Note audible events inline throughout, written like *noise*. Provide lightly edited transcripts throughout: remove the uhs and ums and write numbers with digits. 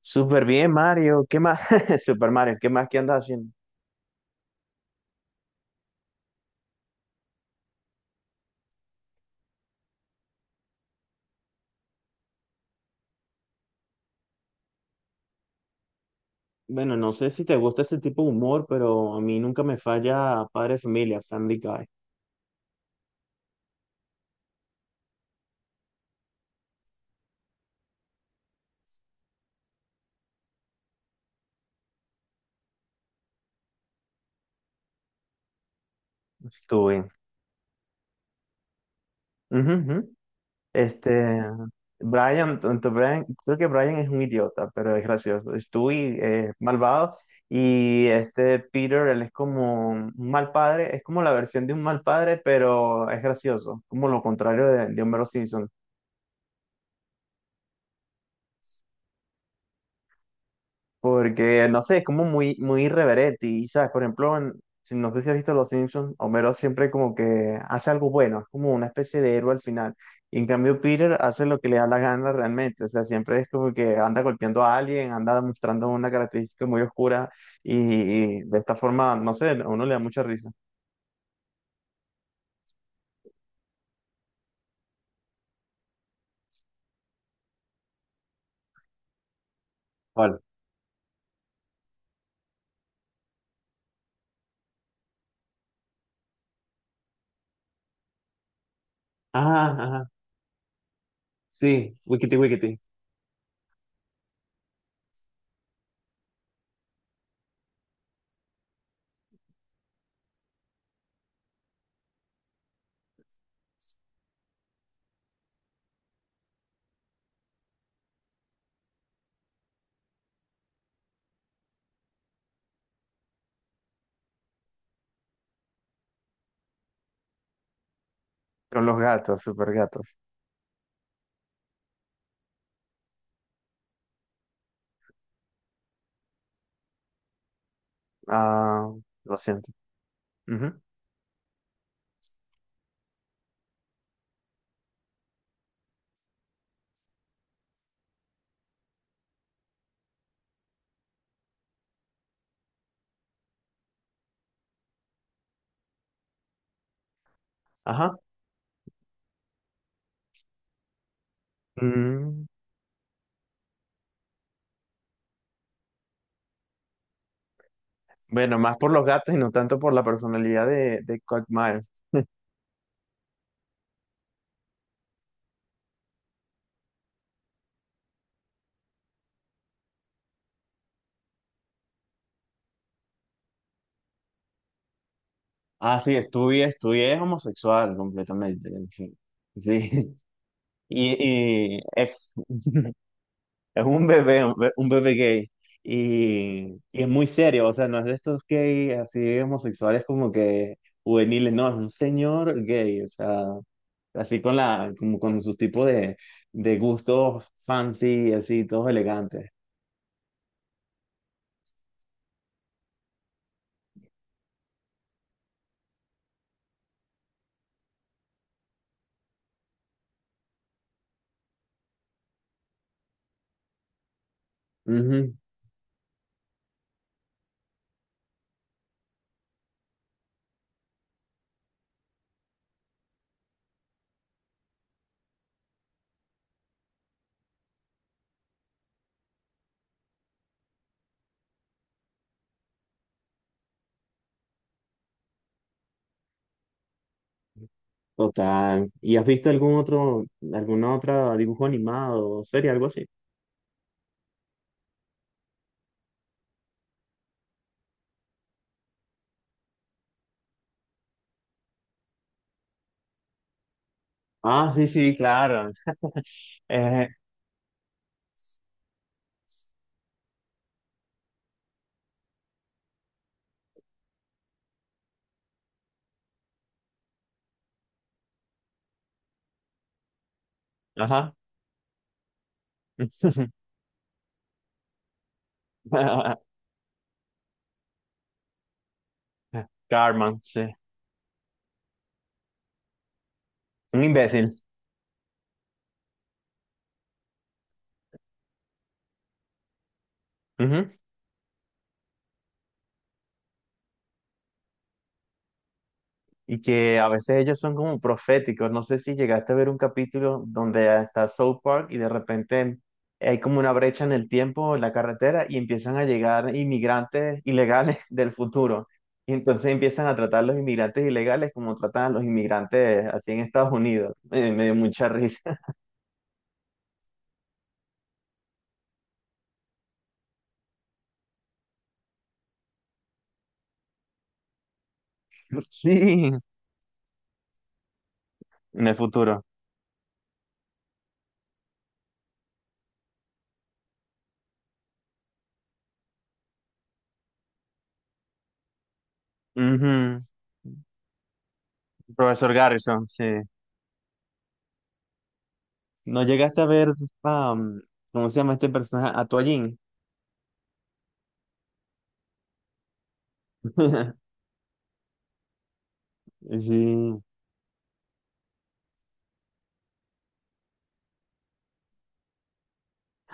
Súper bien, Mario. ¿Qué más? *laughs* Super Mario, ¿qué más qué andas haciendo? Bueno, no sé si te gusta ese tipo de humor, pero a mí nunca me falla Padre de Familia, Family Guy. Estuve. Ujú, ujú. Este, Brian, tanto Brian, creo que Brian es un idiota, pero es gracioso. Stewie es malvado y este Peter, él es como un mal padre, es como la versión de un mal padre, pero es gracioso, como lo contrario de Homero Simpson. Porque, no sé, es como muy, muy irreverente. Y, ¿sabes? Por ejemplo, si no sé si has visto Los Simpsons, Homero siempre como que hace algo bueno, es como una especie de héroe al final. Y en cambio, Peter hace lo que le da la gana realmente. O sea, siempre es como que anda golpeando a alguien, anda mostrando una característica muy oscura. Y, y de esta forma, no sé, a uno le da mucha risa. ¿Cuál? Ajá, ajá. Sí, Wikiti Wikiti. Con los gatos, super gatos. Ah, lo siento. Ujú. Ajá. Mm, Bueno, más por los gatos y no tanto por la personalidad de Kurt Myers. Ah, sí, estudié, estudié homosexual completamente. En fin. Sí. *laughs* Y, y es, *laughs* es un bebé, un bebé gay. Y es muy serio, o sea, no es de estos gays así homosexuales como que juveniles, no, es un señor gay, o sea, así con la, como con sus tipos de gustos fancy, así, todos elegantes. Total. ¿Y has visto algún otro, alguna otra dibujo animado o serie, algo así? Ah, sí, sí, claro. Eh, ajá. *laughs* Carmen, sí. Un imbécil. Y que a veces ellos son como proféticos. No sé si llegaste a ver un capítulo donde está South Park y de repente hay como una brecha en el tiempo, en la carretera, y empiezan a llegar inmigrantes ilegales *laughs* del futuro. Y entonces empiezan a tratar a los inmigrantes ilegales como tratan a los inmigrantes así en Estados Unidos. *laughs* Me dio mucha risa. *laughs* Sí, en el futuro. Ujú. Profesor Garrison, sí. ¿No llegaste a ver, am, cómo se llama este personaje? A Toallín. *laughs* Sí.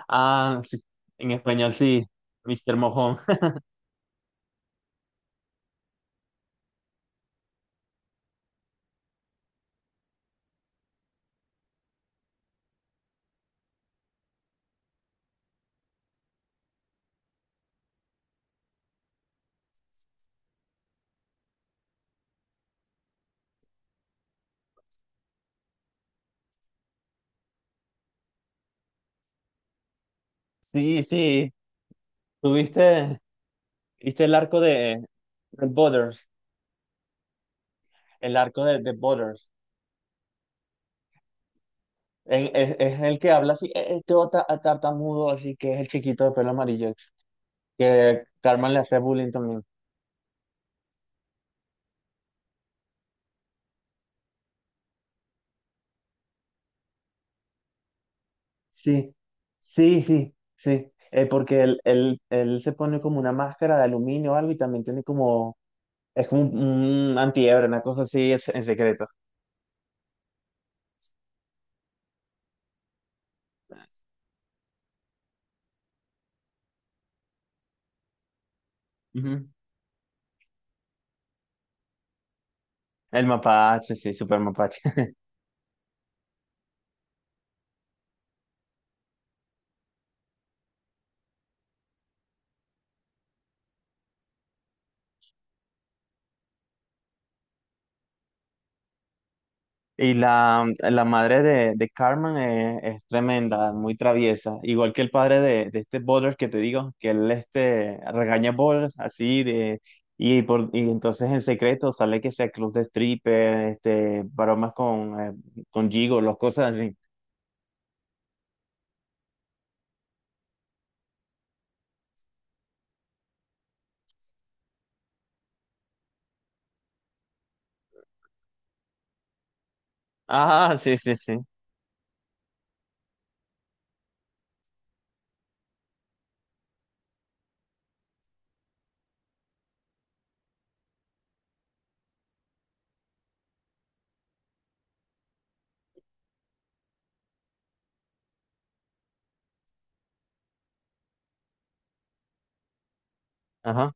Ah, sí, en español sí, Mister Mojón. *laughs* Sí, sí, tuviste, viste de Butters, el arco de Butters. Es el que habla así, tartamudo", así que es el chiquito de pelo amarillo, que Carmen le hace bullying también. Sí, sí, sí, sí, porque él se pone como una máscara de aluminio o algo y también tiene como, es como un antiebre, una cosa así es- en secreto. Ujú. El mapache, sí, super mapache. *laughs* Y la madre de Carmen es tremenda, muy traviesa. Igual que el padre de este Bowler que te digo, que él este, regaña a Bowlers así de... Y entonces en secreto sale que sea club de stripper, este, bromas con gigolos, cosas así. Ajá, sí, sí, sí. Ajá,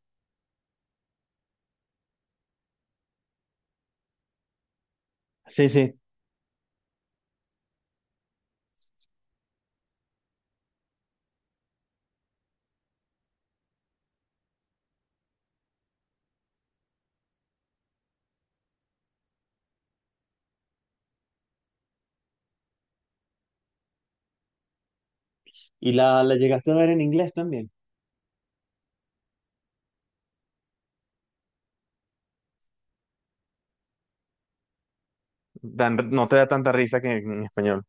sí, sí. ¿Y la llegaste a ver en inglés también? Dan- no te da tanta risa que en español.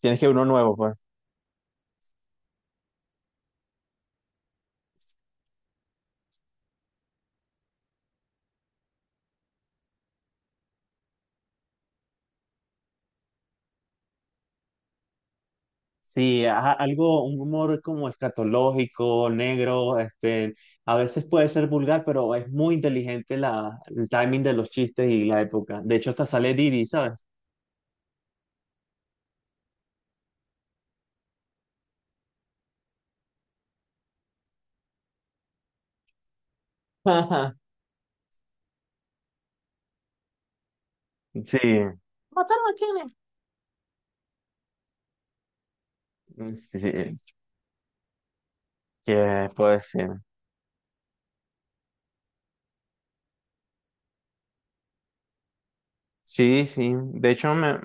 Tienes que ver uno nuevo, pues. Sí, ajá, algo, un humor como escatológico, negro, este, a veces puede ser vulgar, pero es muy inteligente la, el timing de los chistes y la época. De hecho, hasta sale Didi, ¿sabes? *laughs* Sí, ¿Mataron a quién? Sí, sí, que puede ser. Sí, sí. De hecho, me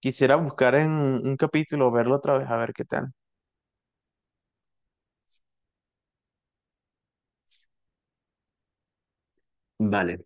quisiera buscar en un capítulo, verlo otra vez, a ver qué tal. Vale.